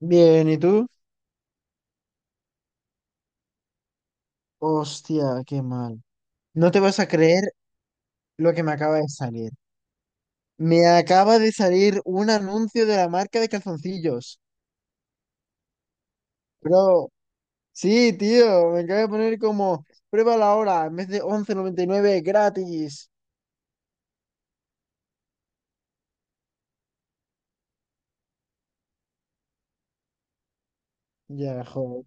Bien, ¿y tú? Hostia, qué mal. No te vas a creer lo que me acaba de salir. Me acaba de salir un anuncio de la marca de calzoncillos. Bro, sí, tío, me acaba de poner como pruébalo ahora en vez de 11,99 gratis. Ya, joder.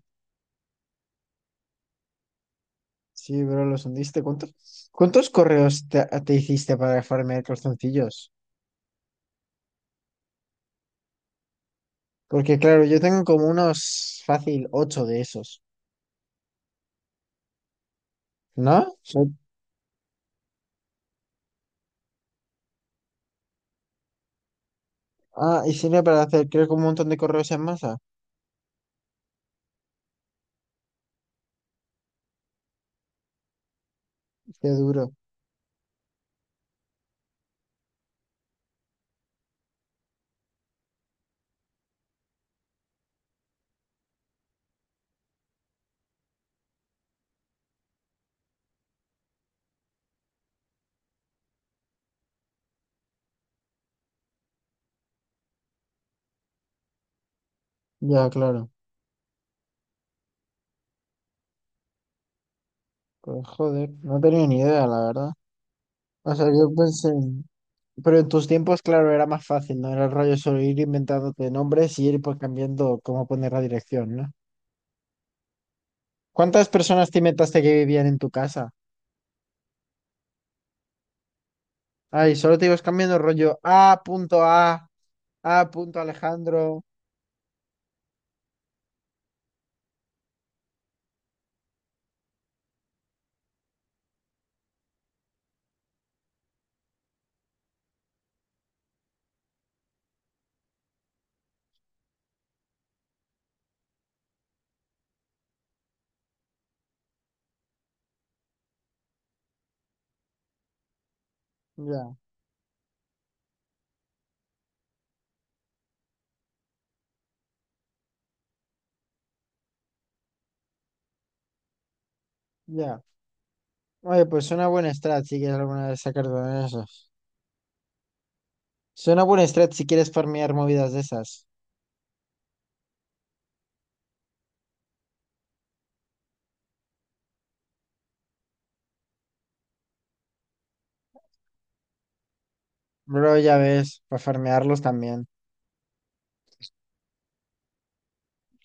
Sí, bro, los hundiste. ¿Cuántos correos te hiciste para farmear calzoncillos? Porque, claro, yo tengo como unos fácil ocho de esos, ¿no? Ah, y sirve para hacer, creo que un montón de correos en masa. Qué duro. Ya, claro. Pues joder, no tenía ni idea, la verdad. O sea, yo pensé. Pero en tus tiempos, claro, era más fácil, ¿no? Era el rollo solo ir inventándote nombres y ir pues cambiando cómo poner la dirección, ¿no? ¿Cuántas personas te inventaste que vivían en tu casa? Ay, solo te ibas cambiando el rollo A punto Alejandro. Ya, ya. Oye, pues suena buena strat si quieres alguna vez sacar de esas. Suena buena strat si quieres farmear movidas de esas. Bro, ya ves, para farmearlos también.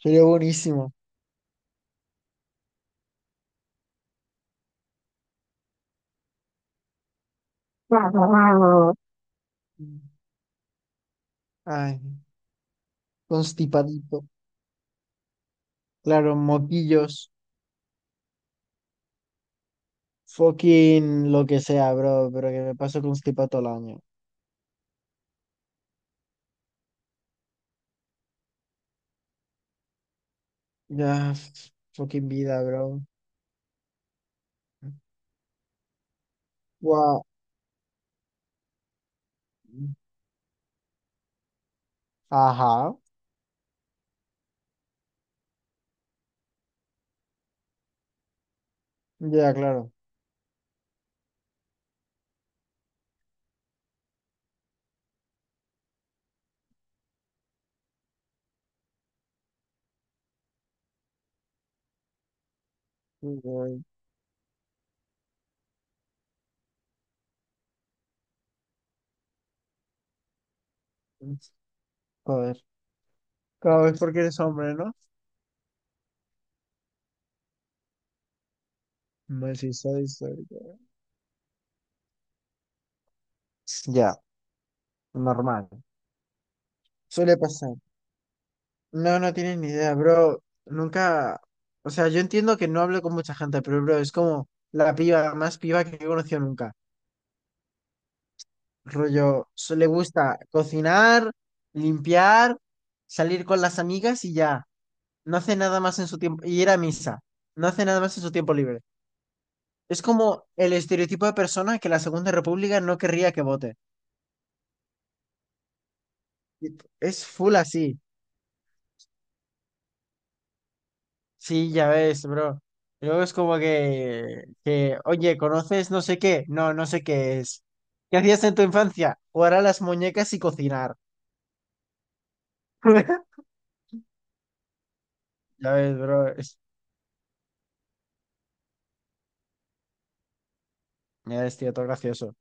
Sería buenísimo. Ay, constipadito. Claro, moquillos. Fucking lo que sea, bro. Pero que me paso constipado todo el año. Ya, fucking vida, bro. Guau. Ajá. Ya, claro. Joder. Cada vez porque eres hombre, ¿no? No sí soy historia. Ya, normal. Suele pasar. No, no tienes ni idea, bro. Nunca, o sea, yo entiendo que no hablo con mucha gente, pero bro, es como la piba más piba que he conocido nunca. Rollo, le gusta cocinar, limpiar, salir con las amigas y ya. No hace nada más en su tiempo, y ir a misa. No hace nada más en su tiempo libre. Es como el estereotipo de persona que la Segunda República no querría que vote. Y Es full así. Sí, ya ves, bro. Y luego es como que, oye, ¿conoces no sé qué? No, no sé qué es. ¿Qué hacías en tu infancia? Jugar a las muñecas y cocinar. Ya ves, bro. Ya es, tío, todo gracioso.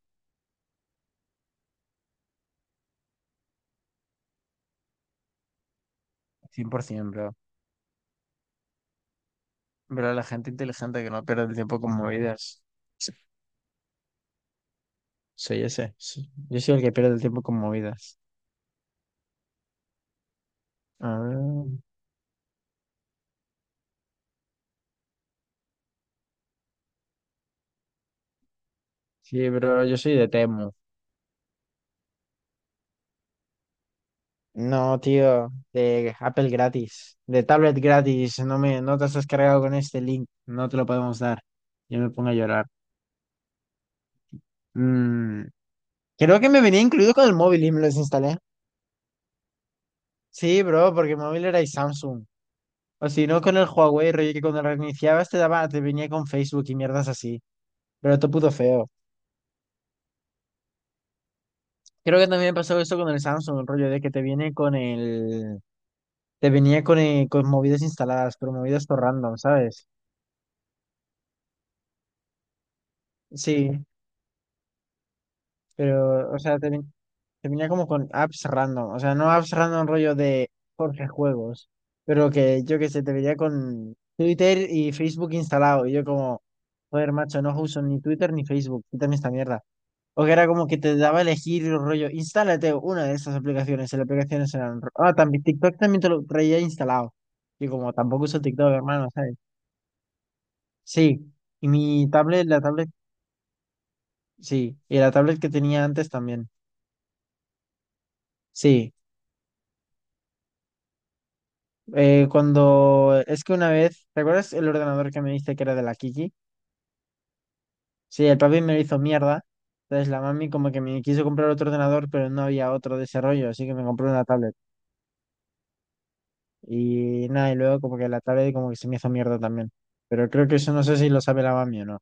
100%, bro. Pero la gente inteligente que no pierde el tiempo con movidas. Soy ese. Sí. Yo soy el que pierde el tiempo con movidas. Ah, sí, bro, yo soy de Temu. No, tío, de Apple gratis, de tablet gratis, no te has descargado con este link, no te lo podemos dar. Yo me pongo a llorar. Mm, Creo que me venía incluido con el móvil y me lo desinstalé. Sí, bro, porque el móvil era y Samsung. O si no, con el Huawei, rollo que cuando reiniciabas te daba, te venía con Facebook y mierdas así. Pero todo puto feo. Creo que también pasó eso con el Samsung, rollo de que te viene con te venía con, con movidas instaladas, pero movidas por random, ¿sabes? Sí. Pero, o sea, termina como con apps random. O sea, no apps random rollo de Jorge Juegos. Pero que yo que sé, te vería con Twitter y Facebook instalado. Y yo como, joder, macho, no uso ni Twitter ni Facebook. Quítame esta mierda. O que era como que te daba a elegir el rollo, instálate una de estas aplicaciones. Y las aplicaciones eran... Ah, también TikTok también te lo traía instalado. Y como tampoco uso TikTok, hermano, ¿sabes? Sí. Y mi tablet, la tablet, sí. Y la tablet que tenía antes también. Sí. Cuando es que una vez, ¿te acuerdas el ordenador que me diste que era de la Kiki? Sí, el papi me lo hizo mierda. Entonces la mami como que me quiso comprar otro ordenador, pero no había otro de ese rollo, así que me compró una tablet. Y nada, y luego como que la tablet como que se me hizo mierda también. Pero creo que eso no sé si lo sabe la mami o no.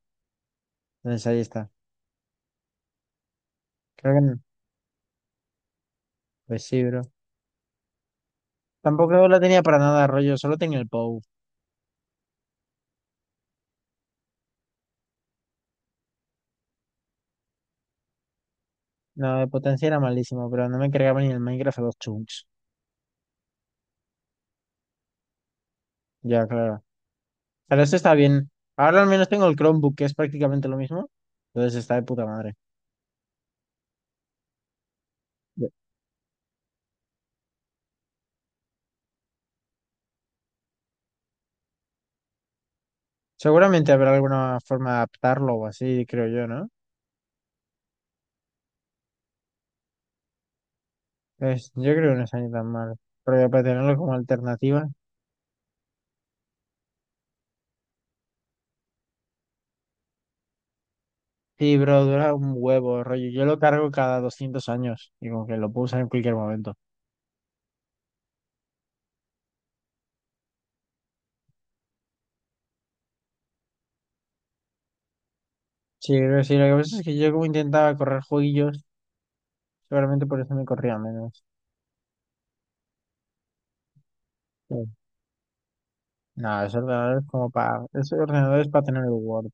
Entonces ahí está. Creo que no. Pues sí, bro. Tampoco la tenía para nada rollo, solo tenía el POW. No, de potencia era malísimo, pero no me cargaba ni el Minecraft a los chunks. Ya, claro. Pero eso está bien. Ahora al menos tengo el Chromebook, que es prácticamente lo mismo. Entonces está de puta madre. Ve- Seguramente habrá alguna forma de adaptarlo o así, creo yo, ¿no? Yo creo que no está ni tan mal. Pero ya para tenerlo como alternativa. Sí, bro, dura un huevo, rollo. Yo lo cargo cada 200 años. Y como que lo puedo usar en cualquier momento. Sí, creo que sí. Lo que pasa es que yo como intentaba correr jueguillos, seguramente por eso me corría menos. Sí. No, Ese ordenador es para tener el Word.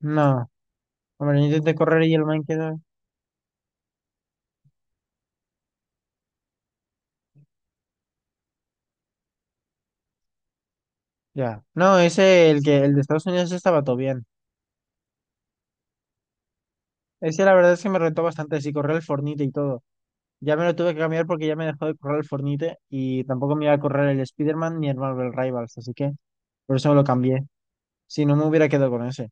No. Hombre, yo intenté correr y el Minecraft. Ya. No, el de Estados Unidos estaba todo bien. Ese la verdad es que me rentó bastante, sí, correr el Fornite y todo. Ya me lo tuve que cambiar porque ya me dejó de correr el Fornite y tampoco me iba a correr el Spider-Man ni el Marvel Rivals, así que por eso me lo cambié. Si no me hubiera quedado con ese.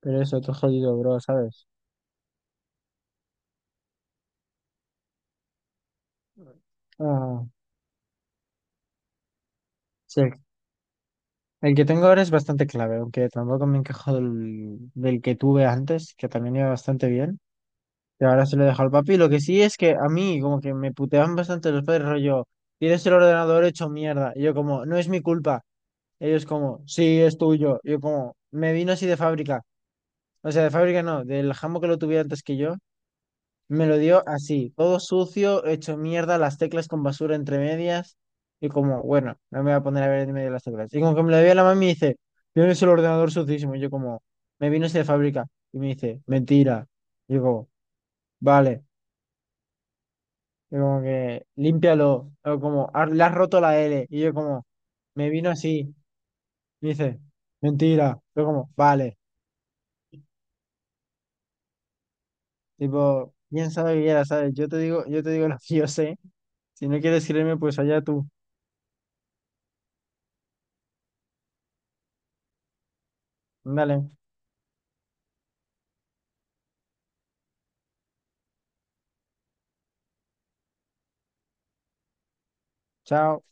Pero eso, todo jodido, bro, ¿sabes? Ah, sí. El que tengo ahora es bastante clave, aunque tampoco me encajó del que tuve antes, que también iba bastante bien. Y ahora se lo dejo al papi. Lo que sí es que a mí, como que me puteaban bastante los padres, rollo, tienes el ordenador hecho mierda. Y yo, como, no es mi culpa. Ellos, como, sí, es tuyo. Yo, como, me vino así de fábrica. O sea, de fábrica no, del jambo que lo tuviera antes que yo, me lo dio así, todo sucio, hecho mierda, las teclas con basura entre medias. Y como, bueno, no me voy a poner a ver en medio de las teclas. Y como que me lo dio a la mami y dice, tienes el ordenador sucísimo. Y yo, como, me vino así de fábrica. Y me dice, mentira. Y yo, como, vale. Yo como que, límpialo. O como, "Ah, le has roto la L". Y yo como, me vino así. Me dice, mentira. Yo como, vale. Tipo, piensa lo que quieras, ¿sabes? Yo te digo lo que yo sé. Si no quieres creerme, pues allá tú. Dale, chao.